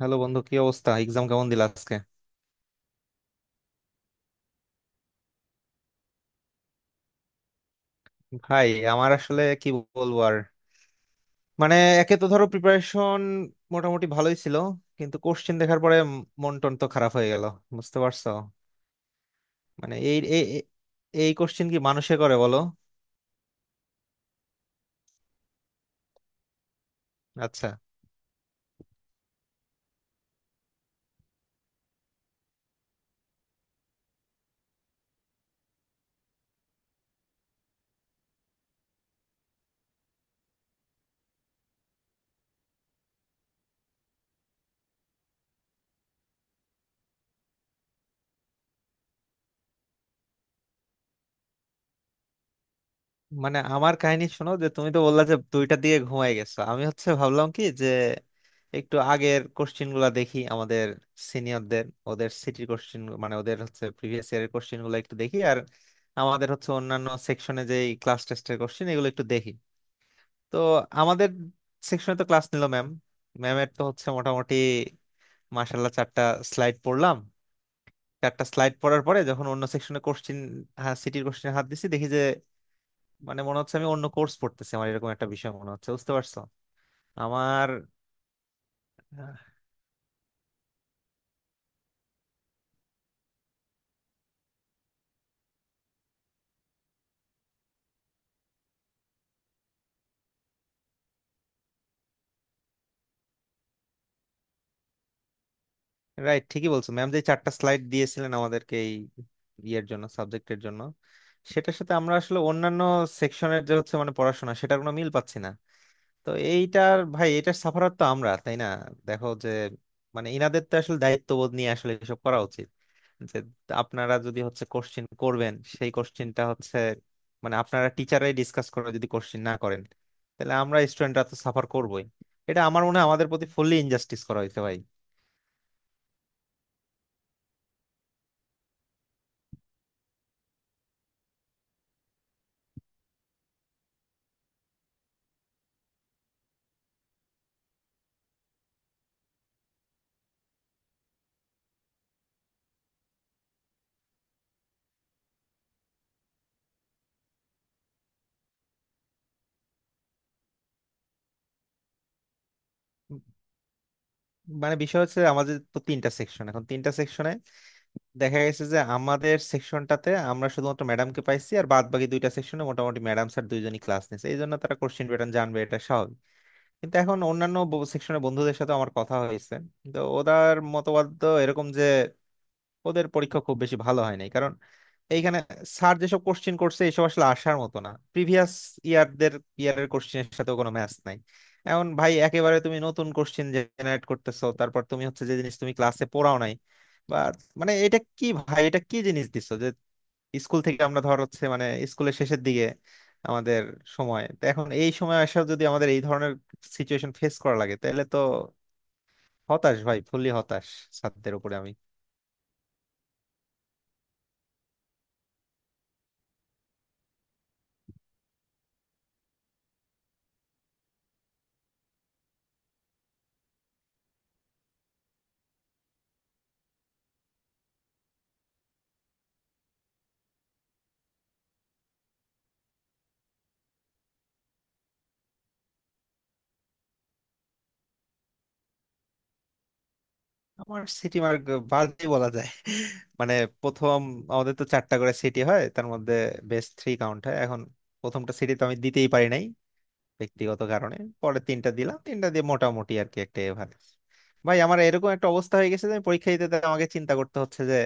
Hello বন্ধু, কি অবস্থা? এক্সাম কেমন দিল আজকে? ভাই, আমার আসলে কি বলবো আর, মানে একে তো ধরো প্রিপারেশন মোটামুটি ভালোই ছিল, কিন্তু কোশ্চেন দেখার পরে মন টন তো খারাপ হয়ে গেল, বুঝতে পারছো? মানে এই এই এই কোশ্চেন কি মানুষে করে বলো? আচ্ছা, মানে আমার কাহিনী শোনো, যে তুমি তো বললা যে দুইটা দিয়ে ঘুমাই গেছো, আমি হচ্ছে ভাবলাম কি, যে একটু আগের কোশ্চিন গুলা দেখি, আমাদের সিনিয়রদের ওদের সিটির কোশ্চিন, মানে ওদের হচ্ছে প্রিভিয়াস ইয়ারের কোশ্চিন গুলো একটু দেখি, আর আমাদের হচ্ছে অন্যান্য সেকশনে যে ক্লাস টেস্টের কোশ্চিন, এগুলো একটু দেখি। তো আমাদের সেকশনে তো ক্লাস নিল ম্যাম, ম্যামের তো হচ্ছে মোটামুটি মাসাল্লাহ চারটা স্লাইড পড়লাম। চারটা স্লাইড পড়ার পরে যখন অন্য সেকশনে কোশ্চিন, সিটির কোশ্চিনে হাত দিছি, দেখি মানে মনে হচ্ছে আমি অন্য কোর্স পড়তেছি, আমার এরকম একটা বিষয় মনে হচ্ছে, বুঝতে পারছো আমার রাইট, ঠিকই বলছো। ম্যাম যে চারটা স্লাইড দিয়েছিলেন আমাদেরকে এই ইয়ের জন্য, সাবজেক্টের জন্য, সেটার সাথে আমরা আসলে অন্যান্য সেকশনের যে হচ্ছে মানে পড়াশোনা, সেটার কোনো মিল পাচ্ছি না। তো এইটার ভাই, এটার সাফারার তো আমরা, তাই না? দেখো যে, মানে ইনাদের তো আসলে দায়িত্ববোধ নিয়ে আসলে এসব করা উচিত। যে আপনারা যদি হচ্ছে কোশ্চিন করবেন, সেই কোশ্চিনটা হচ্ছে মানে আপনারা টিচারাই ডিসকাস করে যদি কোশ্চিন না করেন, তাহলে আমরা স্টুডেন্টরা তো সাফার করবোই। এটা আমার মনে হয় আমাদের প্রতি ফুললি ইনজাস্টিস করা হয়েছে ভাই। উম, মানে বিষয় হচ্ছে আমাদের তো তিনটা সেকশন, এখন তিনটা সেকশনে দেখা গেছে যে আমাদের সেকশনটাতে আমরা শুধুমাত্র ম্যাডামকে পাইছি, আর বাদ বাকি দুইটা সেকশনে মোটামুটি ম্যাডাম স্যার দুইজনই ক্লাস নিয়েছে। এই জন্য তারা কোশ্চিন প্যাটার্ন জানবে, এটা স্বাভাবিক। কিন্তু এখন অন্যান্য সেকশনের বন্ধুদের সাথে আমার কথা হয়েছে, তো ওদের মতবাদ তো এরকম যে ওদের পরীক্ষা খুব বেশি ভালো হয় নাই, কারণ এইখানে স্যার যেসব কোশ্চেন করছে এসব আসলে আসার মতো না, প্রিভিয়াস ইয়ারদের ইয়ারের কোশ্চেনের সাথে কোনো ম্যাচ নাই। এখন ভাই একেবারে তুমি নতুন কোশ্চেন জেনারেট করতেছো, তারপর তুমি হচ্ছে যে জিনিস তুমি ক্লাসে পড়াও নাই, বা মানে এটা কি ভাই, এটা কি জিনিস দিছো যে স্কুল থেকে আমরা ধর হচ্ছে মানে স্কুলের শেষের দিকে আমাদের সময় তো, এখন এই সময় আসা যদি আমাদের এই ধরনের সিচুয়েশন ফেস করা লাগে, তাহলে তো হতাশ ভাই, ফুললি হতাশ ছাত্রদের উপরে আমি। আমার সিটি মার্ক বাজে বলা যায়। মানে প্রথম, আমাদের তো চারটা করে সিটি হয়, তার মধ্যে বেস্ট থ্রি কাউন্ট হয়। এখন প্রথমটা সিটি তো আমি দিতেই পারি নাই ব্যক্তিগত কারণে, পরে তিনটা দিলাম, তিনটা দিয়ে মোটামুটি আর কি একটা এভারেজ। ভাই আমার এরকম একটা অবস্থা হয়ে গেছে যে আমি পরীক্ষা দিতে যেতে আমাকে চিন্তা করতে হচ্ছে যে,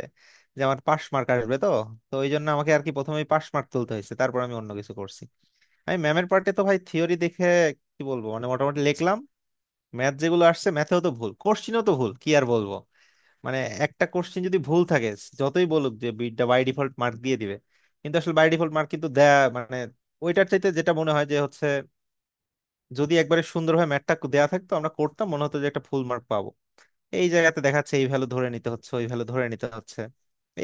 যে আমার পাশ মার্ক আসবে তো, তো ওই জন্য আমাকে আর কি প্রথমেই পাশ মার্ক তুলতে হয়েছে, তারপর আমি অন্য কিছু করছি। আমি ম্যামের পার্টে তো ভাই, থিওরি দেখে কি বলবো, মানে মোটামুটি লিখলাম। ম্যাথ যেগুলো আসছে, ম্যাথেও তো ভুল, কোশ্চিনও তো ভুল, কি আর বলবো। মানে একটা কোশ্চেন যদি ভুল থাকে, যতই বলুক যে বিটটা বাই ডিফল্ট মার্ক দিয়ে দিবে, কিন্তু আসলে বাই ডিফল্ট মার্ক কিন্তু দেয়া মানে, ওইটার চাইতে যেটা মনে হয় যে হচ্ছে যদি একবারে সুন্দরভাবে ম্যাথটা দেয়া থাকতো, আমরা করতাম, মনে হতো যে একটা ফুল মার্ক পাবো। এই জায়গাতে দেখাচ্ছে এই ভ্যালু ধরে নিতে হচ্ছে, ওই ভ্যালু ধরে নিতে হচ্ছে,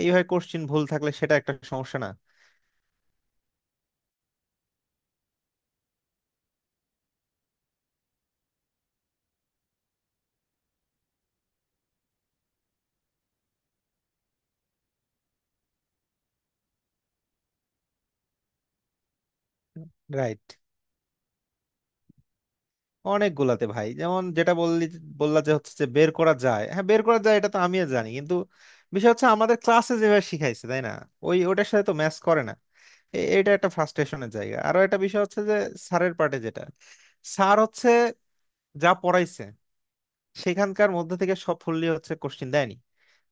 এইভাবে কোশ্চেন ভুল থাকলে সেটা একটা সমস্যা না? রাইট। অনেকগুলাতে ভাই, যেমন যেটা বললি, বললা যে হচ্ছে যে বের করা যায়, হ্যাঁ বের করা যায়, এটা তো আমিও জানি, কিন্তু বিষয় হচ্ছে আমাদের ক্লাসে যেভাবে শিখাইছে, তাই না, ওই ওটার সাথে তো ম্যাচ করে না। এটা একটা ফ্রাস্ট্রেশনের জায়গা। আরো একটা বিষয় হচ্ছে যে স্যারের পার্টে, যেটা স্যার হচ্ছে যা পড়াইছে, সেখানকার মধ্যে থেকে সব ফুললি হচ্ছে কোশ্চিন দেয়নি,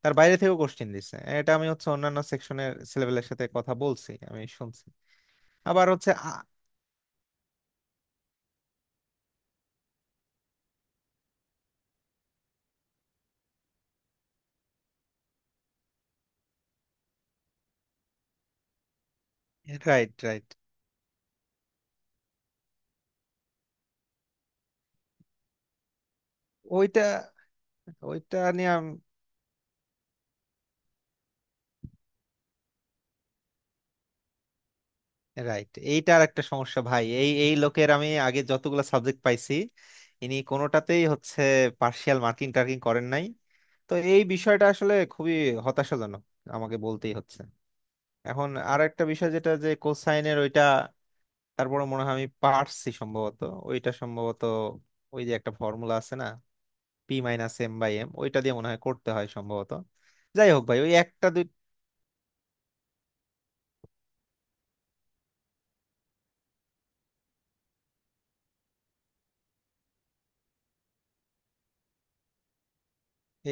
তার বাইরে থেকেও কোশ্চিন দিছে। এটা আমি হচ্ছে অন্যান্য সেকশনের ছেলেপেলের সাথে কথা বলছি, আমি শুনছি। আবার হচ্ছে রাইট, রাইট। ওইটা, ওইটা নিয়ে আম- রাইট। এইটার একটা সমস্যা ভাই, এই এই লোকের আমি আগে যতগুলো সাবজেক্ট পাইছি, ইনি কোনোটাতেই হচ্ছে পার্শিয়াল মার্কিং টার্কিং করেন নাই। তো এই বিষয়টা আসলে খুবই হতাশাজনক, আমাকে বলতেই হচ্ছে। এখন আর একটা বিষয় যেটা, যে কোসাইনের ওইটা, তারপরে মনে হয় আমি পারছি সম্ভবত। ওইটা সম্ভবত ওই যে একটা ফর্মুলা আছে না, P minus M by M, ওইটা দিয়ে মনে হয় করতে হয় সম্ভবত। যাই হোক ভাই, ওই একটা দুই,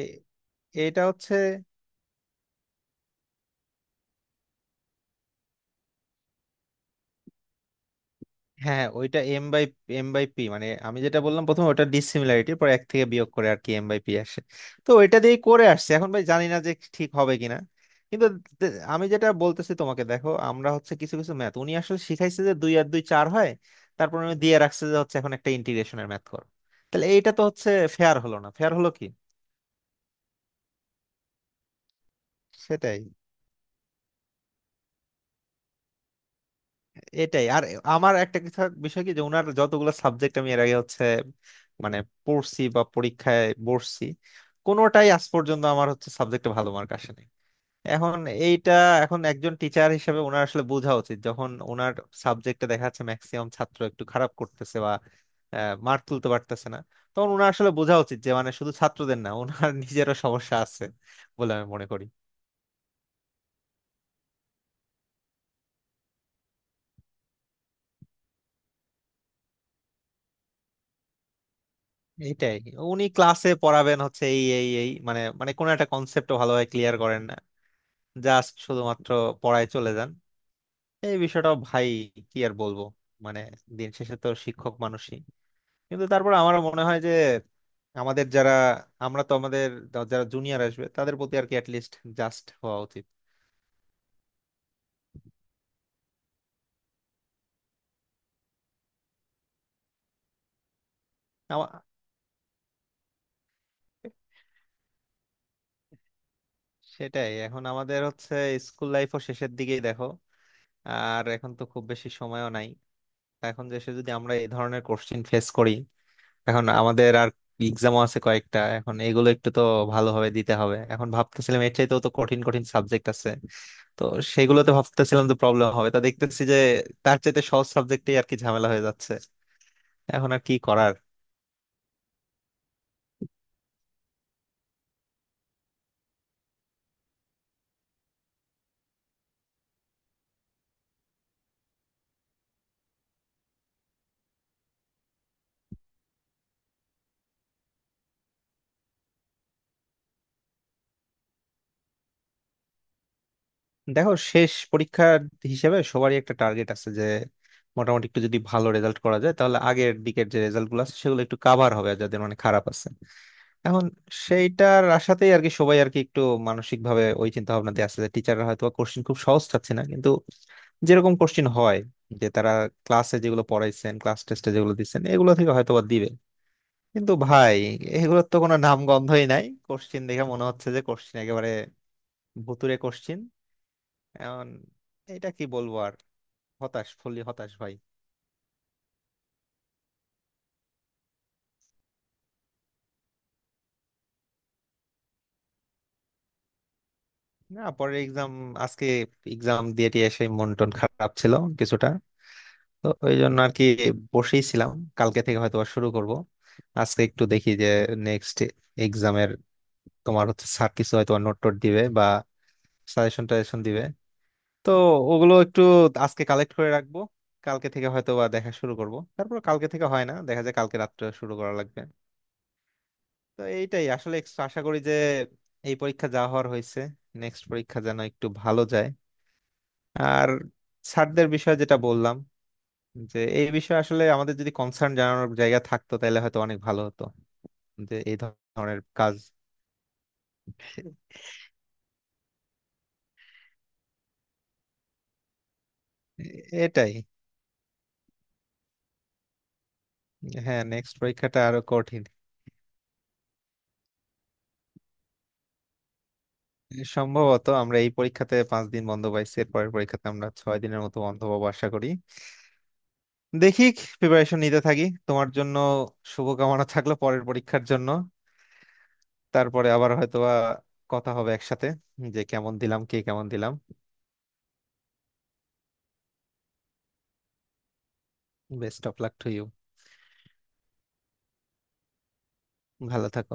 এ- এটা হচ্ছে, হ্যাঁ ওইটা এম বাই পি, মানে আমি যেটা বললাম প্রথমে ওটা ডিসিমিলারিটি, পর এক থেকে বিয়োগ করে আর কি এম বাই পি আসে। তো ওইটা দিয়েই করে আসছে, এখন ভাই জানি না যে ঠিক হবে কিনা, কিন্তু আমি যেটা বলতেছি তোমাকে, দেখো আমরা হচ্ছে কিছু কিছু ম্যাথ উনি আসলে শিখাইছে যে দুই আর দুই চার হয়, তারপর উনি দিয়ে রাখছে যে হচ্ছে এখন একটা ইন্টিগ্রেশনের ম্যাথ করো, তাহলে এইটা তো হচ্ছে ফেয়ার হলো না, ফেয়ার হলো কি? সেটাই। এটাই আর আমার একটা কিছু বিষয় কি যে, ওনার যতগুলো সাবজেক্ট আমি এর আগে হচ্ছে মানে পড়ছি বা পরীক্ষায় বসছি, কোনোটাই আজ পর্যন্ত আমার হচ্ছে সাবজেক্টে ভালো মার্ক আসেনি এখন। এইটা এখন একজন টিচার হিসেবে ওনার আসলে বোঝা উচিত যখন ওনার সাবজেক্টে দেখা যাচ্ছে ম্যাক্সিমাম ছাত্র একটু খারাপ করতেছে, বা মার্ক তুলতে পারতেছে না, তখন ওনার আসলে বোঝা উচিত যে মানে শুধু ছাত্রদের না, ওনার নিজেরও সমস্যা আছে বলে আমি মনে করি। এইটাই, উনি ক্লাসে পড়াবেন হচ্ছে এই এই এই মানে মানে কোনো একটা কনসেপ্ট ভালোভাবে ক্লিয়ার করেন না, জাস্ট শুধুমাত্র পড়ায় চলে যান। এই বিষয়টা ভাই, কি আর বলবো, মানে দিন শেষে তো শিক্ষক মানুষই, কিন্তু তারপর আমার মনে হয় যে আমাদের যারা আমরা তো আমাদের যারা জুনিয়র আসবে, তাদের প্রতি আর কি অ্যাটলিস্ট জাস্ট হওয়া উচিত। আমা- সেটাই, এখন আমাদের হচ্ছে স্কুল লাইফও শেষের দিকেই দেখো, আর এখন তো খুব বেশি সময়ও নাই। তা এখন দেশে যদি আমরা এই ধরনের কোশ্চিন ফেস করি, এখন আমাদের আর এক্সামও আছে কয়েকটা, এখন এগুলো একটু তো ভালোভাবে দিতে হবে। এখন ভাবতেছিলাম এর চাইতেও তো কঠিন কঠিন সাবজেক্ট আছে, তো সেগুলোতে ভাবতেছিলাম তো প্রবলেম হবে, তা দেখতেছি যে তার চাইতে সহজ সাবজেক্টেই আর কি ঝামেলা হয়ে যাচ্ছে, এখন আর কি করার। দেখো শেষ পরীক্ষার হিসেবে সবারই একটা টার্গেট আছে যে মোটামুটি একটু যদি ভালো রেজাল্ট করা যায়, তাহলে আগের দিকের যে রেজাল্ট গুলো আছে সেগুলো একটু কাভার হবে, আর যাদের মানে খারাপ আছে এখন, সেইটার আশাতেই আর কি সবাই আর কি একটু মানসিক ভাবে ওই চিন্তা ভাবনা দিয়ে আসছে যে টিচাররা হয়তো কোশ্চিন খুব সহজ চাচ্ছে না, কিন্তু যেরকম কোশ্চিন হয়, যে তারা ক্লাসে যেগুলো পড়াইছেন, ক্লাস টেস্টে যেগুলো দিচ্ছেন, এগুলো থেকে হয়তো বা দিবে। কিন্তু ভাই, এগুলোর তো কোনো নাম গন্ধই নাই, কোশ্চিন দেখে মনে হচ্ছে যে কোশ্চিন একেবারে ভুতুড়ে কোশ্চিন। এখন এটা কি বলবো আর, হতাশ, ফুললি হতাশ ভাই। না, পরের এক্সাম, আজকে এক্সাম দিয়ে টিয়ে সেই মন টন খারাপ ছিল কিছুটা, তো ওই জন্য আর কি বসেই ছিলাম। কালকে থেকে হয়তো আবার শুরু করব। আজকে একটু দেখি যে নেক্সট এক্সামের, তোমার হচ্ছে স্যার কিছু হয়তো নোট টোট দিবে বা সাজেশন টাজেশন দিবে, তো ওগুলো একটু আজকে কালেক্ট করে রাখবো, কালকে থেকে হয়তো বা দেখা শুরু করব। তারপর কালকে থেকে হয় না দেখা যায়, কালকে রাত্রে শুরু করা লাগবে। তো এইটাই আসলে, একটু আশা করি যে এই পরীক্ষা যা হওয়ার হয়েছে, নেক্সট পরীক্ষা যেন একটু ভালো যায়। আর স্যারদের বিষয়ে যেটা বললাম, যে এই বিষয়ে আসলে আমাদের যদি কনসার্ন জানানোর জায়গা থাকতো, তাহলে হয়তো অনেক ভালো হতো, যে এই ধরনের কাজ এ- এটাই। হ্যাঁ নেক্সট পরীক্ষাটা আরো কঠিন। সম্ভবত আমরা এই পরীক্ষাতে 5 দিন বন্ধ পাইছি, এর পরের পরীক্ষাতে আমরা 6 দিনের মতো বন্ধ পাবো আশা করি। দেখি, প্রিপারেশন নিতে থাকি। তোমার জন্য শুভকামনা থাকলো পরের পরীক্ষার জন্য। তারপরে আবার হয়তোবা কথা হবে একসাথে, যে কেমন দিলাম, কে কেমন দিলাম। Best of luck to you. ভালো থাকো।